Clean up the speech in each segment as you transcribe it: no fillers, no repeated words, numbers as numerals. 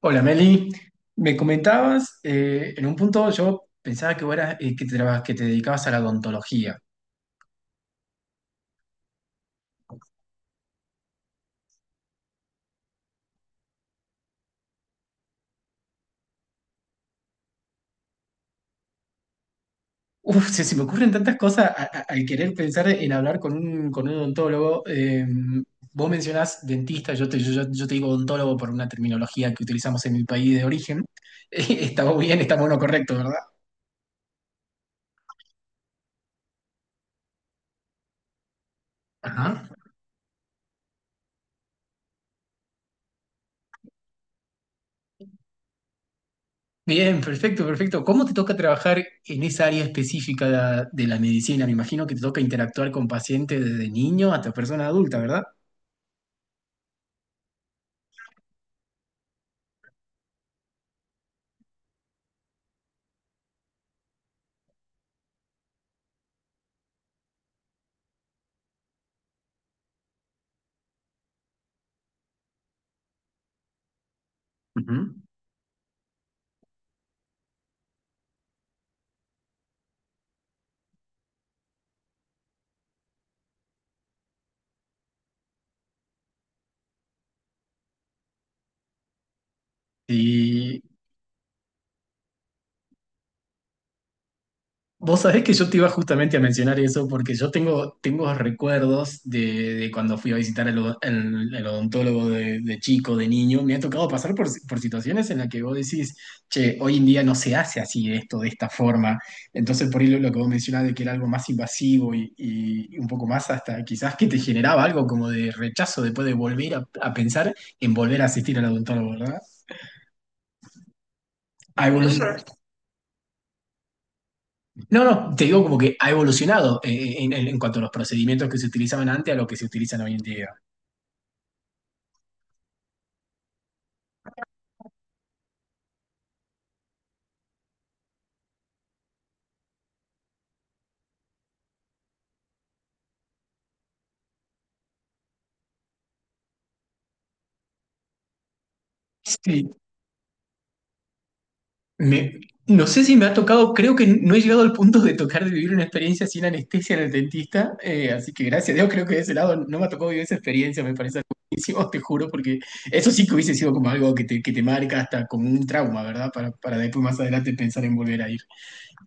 Hola Meli, me comentabas, en un punto yo pensaba que vos eras, que te dedicabas a la odontología. Uf, se me ocurren tantas cosas al querer pensar en hablar con con un odontólogo. Vos mencionás dentista, yo te digo odontólogo por una terminología que utilizamos en mi país de origen. Está muy bien, estamos en correcto, ¿verdad? Ajá. Bien, perfecto, perfecto. ¿Cómo te toca trabajar en esa área específica de la medicina? Me imagino que te toca interactuar con pacientes desde niño hasta persona adulta, ¿verdad? Ujú. Y Vos sabés que yo te iba justamente a mencionar eso porque tengo recuerdos de cuando fui a visitar al odontólogo de chico, de niño. Me ha tocado pasar por, si- por situaciones en las que vos decís, che, hoy en día no se hace así esto, de esta forma. Entonces, por ahí lo que vos mencionás de que era algo más invasivo y un poco más hasta quizás que te generaba algo como de rechazo después de volver a pensar en volver a asistir al odontólogo, ¿verdad? A evolucionado No, no, te digo como que ha evolucionado en cuanto a los procedimientos que se utilizaban antes a lo que se utilizan hoy en día. Sí, me- no sé si me ha tocado, creo que no he llegado al punto de tocar de vivir una experiencia sin anestesia en el dentista, así que gracias a Dios creo que de ese lado no me ha tocado vivir esa experiencia, me parece algo buenísimo, te juro, porque eso sí que hubiese sido como algo que te marca hasta como un trauma, ¿verdad? Para después más adelante pensar en volver a ir.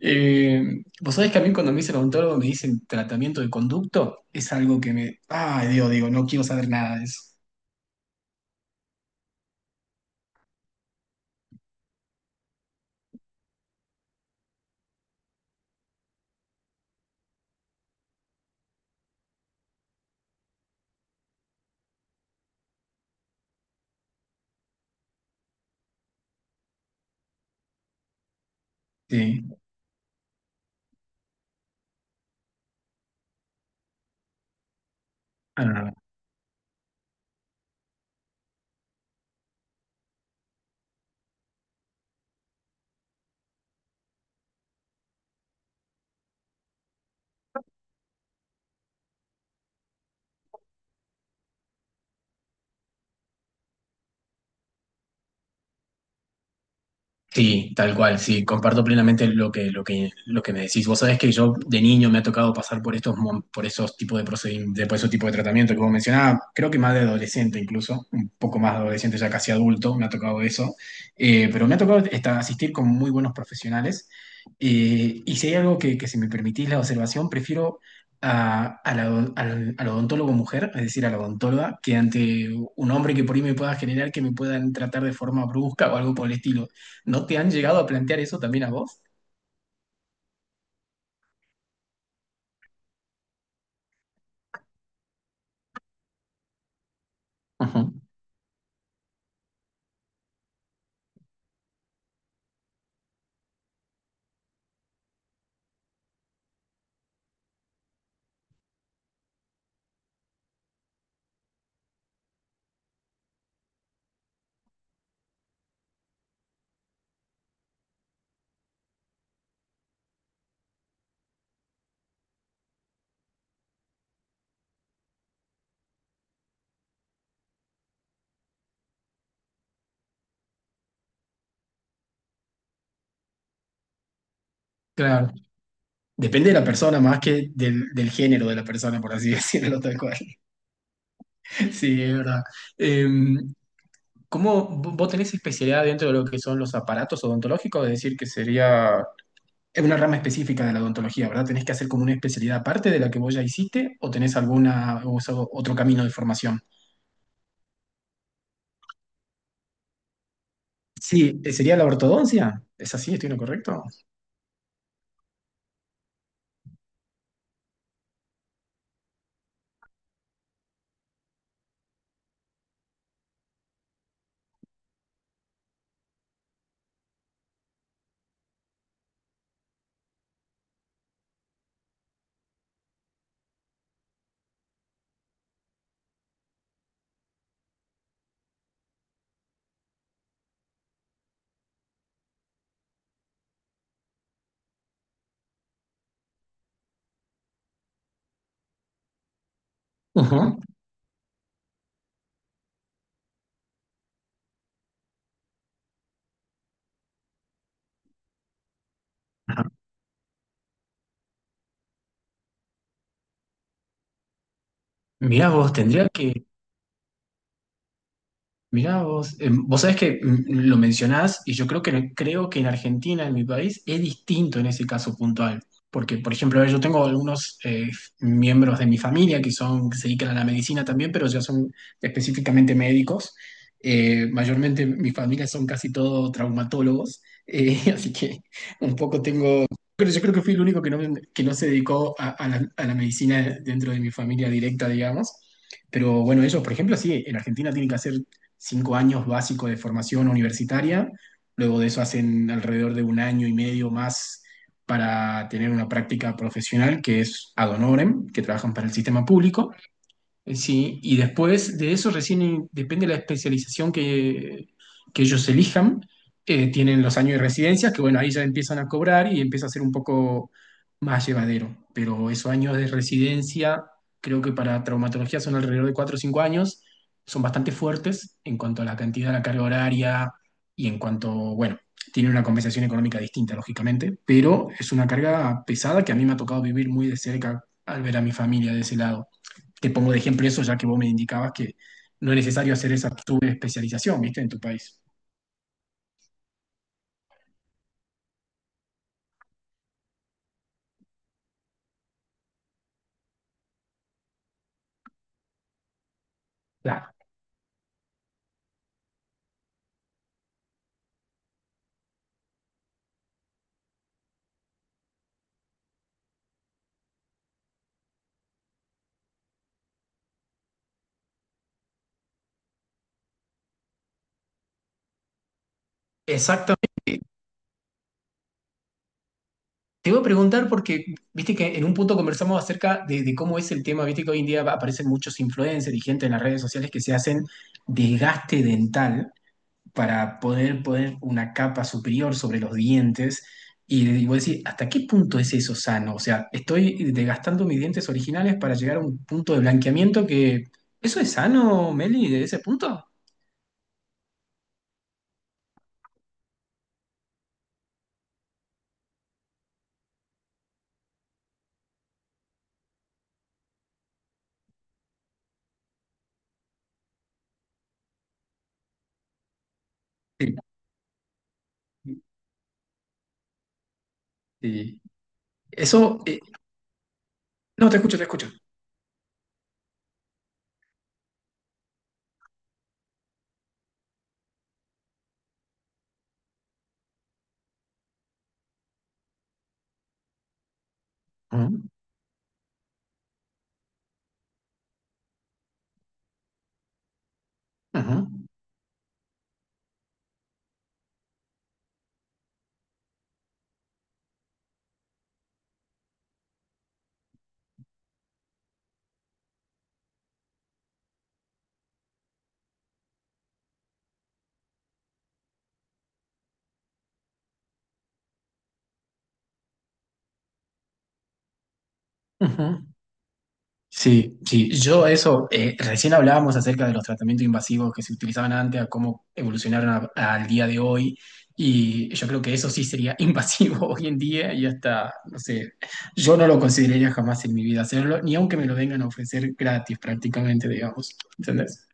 Vos sabés que a mí cuando me dice odontólogo me dicen tratamiento de conducto, es algo que me... Ay, Dios, digo, no quiero saber nada de eso. Sí. Ah. Sí, tal cual, sí, comparto plenamente lo que me decís. Vos sabés que yo de niño me ha tocado pasar por por esos tipos de procedimientos, por esos tipos de tratamiento que vos mencionabas, creo que más de adolescente incluso, un poco más de adolescente, ya casi adulto, me ha tocado eso. Pero me ha tocado asistir con muy buenos profesionales. Y si hay algo que si me permitís la observación, prefiero a, a la- al odontólogo mujer, es decir, a la odontóloga, que ante un hombre que por ahí me pueda generar que me puedan tratar de forma brusca o algo por el estilo. ¿No te han llegado a plantear eso también a vos? Ujú. Claro. Depende de la persona, más que del género de la persona, por así decirlo tal cual. Sí, es verdad. Em, ¿Cómo vos tenés especialidad dentro de lo que son los aparatos odontológicos? Es decir, que sería es una rama específica de la odontología, ¿verdad? ¿Tenés que hacer como una especialidad aparte de la que vos ya hiciste o tenés alguna o usado otro camino de formación? Sí, sería la ortodoncia. ¿Es así? ¿Estoy en lo correcto? Ujú. Ajá. Mirá vos, tendría que Mirá vos, vos sabés que lo mencionás y yo creo que en Argentina, en mi país, es distinto en ese caso puntual. Porque, por ejemplo, a ver, yo tengo algunos miembros de mi familia que son, que se dedican a la medicina también, pero ya son específicamente médicos. Mayormente mi familia son casi todos traumatólogos, así que un poco tengo... Pero yo creo que fui el único que no se dedicó a la medicina dentro de mi familia directa, digamos. Pero bueno, ellos, por ejemplo, sí, en Argentina tienen que hacer cinco años básicos de formación universitaria, luego de eso hacen alrededor de un año y medio más para tener una práctica profesional que es ad honorem, que trabajan para el sistema público, sí, y después de eso recién depende de la especialización que ellos elijan. Tienen los años de residencia, que bueno, ahí ya empiezan a cobrar y empieza a ser un poco más llevadero. Pero esos años de residencia, creo que para traumatología son alrededor de 4 o 5 años, son bastante fuertes en cuanto a la cantidad de la carga horaria y en cuanto, bueno, tienen una compensación económica distinta, lógicamente, pero es una carga pesada que a mí me ha tocado vivir muy de cerca al ver a mi familia de ese lado. Te pongo de ejemplo eso, ya que vos me indicabas que no es necesario hacer esa subespecialización, ¿viste? En tu país. Claro. Exactamente. Te iba a preguntar porque, viste que en un punto conversamos acerca de cómo es el tema, viste que hoy en día aparecen muchos influencers y gente en las redes sociales que se hacen desgaste dental para poder poner una capa superior sobre los dientes. Y digo, decir, ¿hasta qué punto es eso sano? O sea, estoy desgastando mis dientes originales para llegar a un punto de blanqueamiento que... ¿Eso es sano, Meli, de ese punto? Sí, sí. Eso, eh, no, te escucho, te escucho. Ujú, ujú, ujú. Sí, sí, yo eso, recién hablábamos acerca de los tratamientos invasivos que se utilizaban antes, a cómo evolucionaron al día de hoy, y yo creo que eso sí sería invasivo hoy en día y hasta, no sé, yo no lo consideraría jamás en mi vida hacerlo, ni aunque me lo vengan a ofrecer gratis prácticamente, digamos, ¿entendés?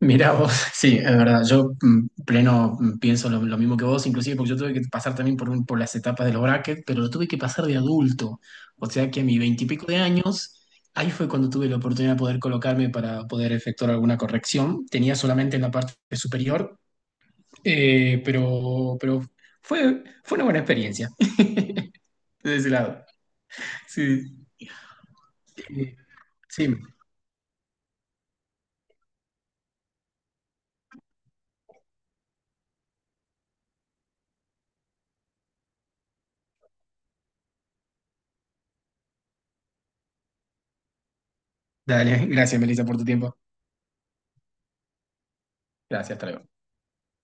Mirá vos, sí, es verdad, pleno pienso lo mismo que vos, inclusive porque yo tuve que pasar también por las etapas de los brackets, pero lo tuve que pasar de adulto, o sea que a mis veintipico de años, ahí fue cuando tuve la oportunidad de poder colocarme para poder efectuar alguna corrección, tenía solamente en la parte superior, pero fue, fue una buena experiencia, de ese lado. Sí, eh, sí, dale, gracias Melissa por tu tiempo, gracias, hasta luego.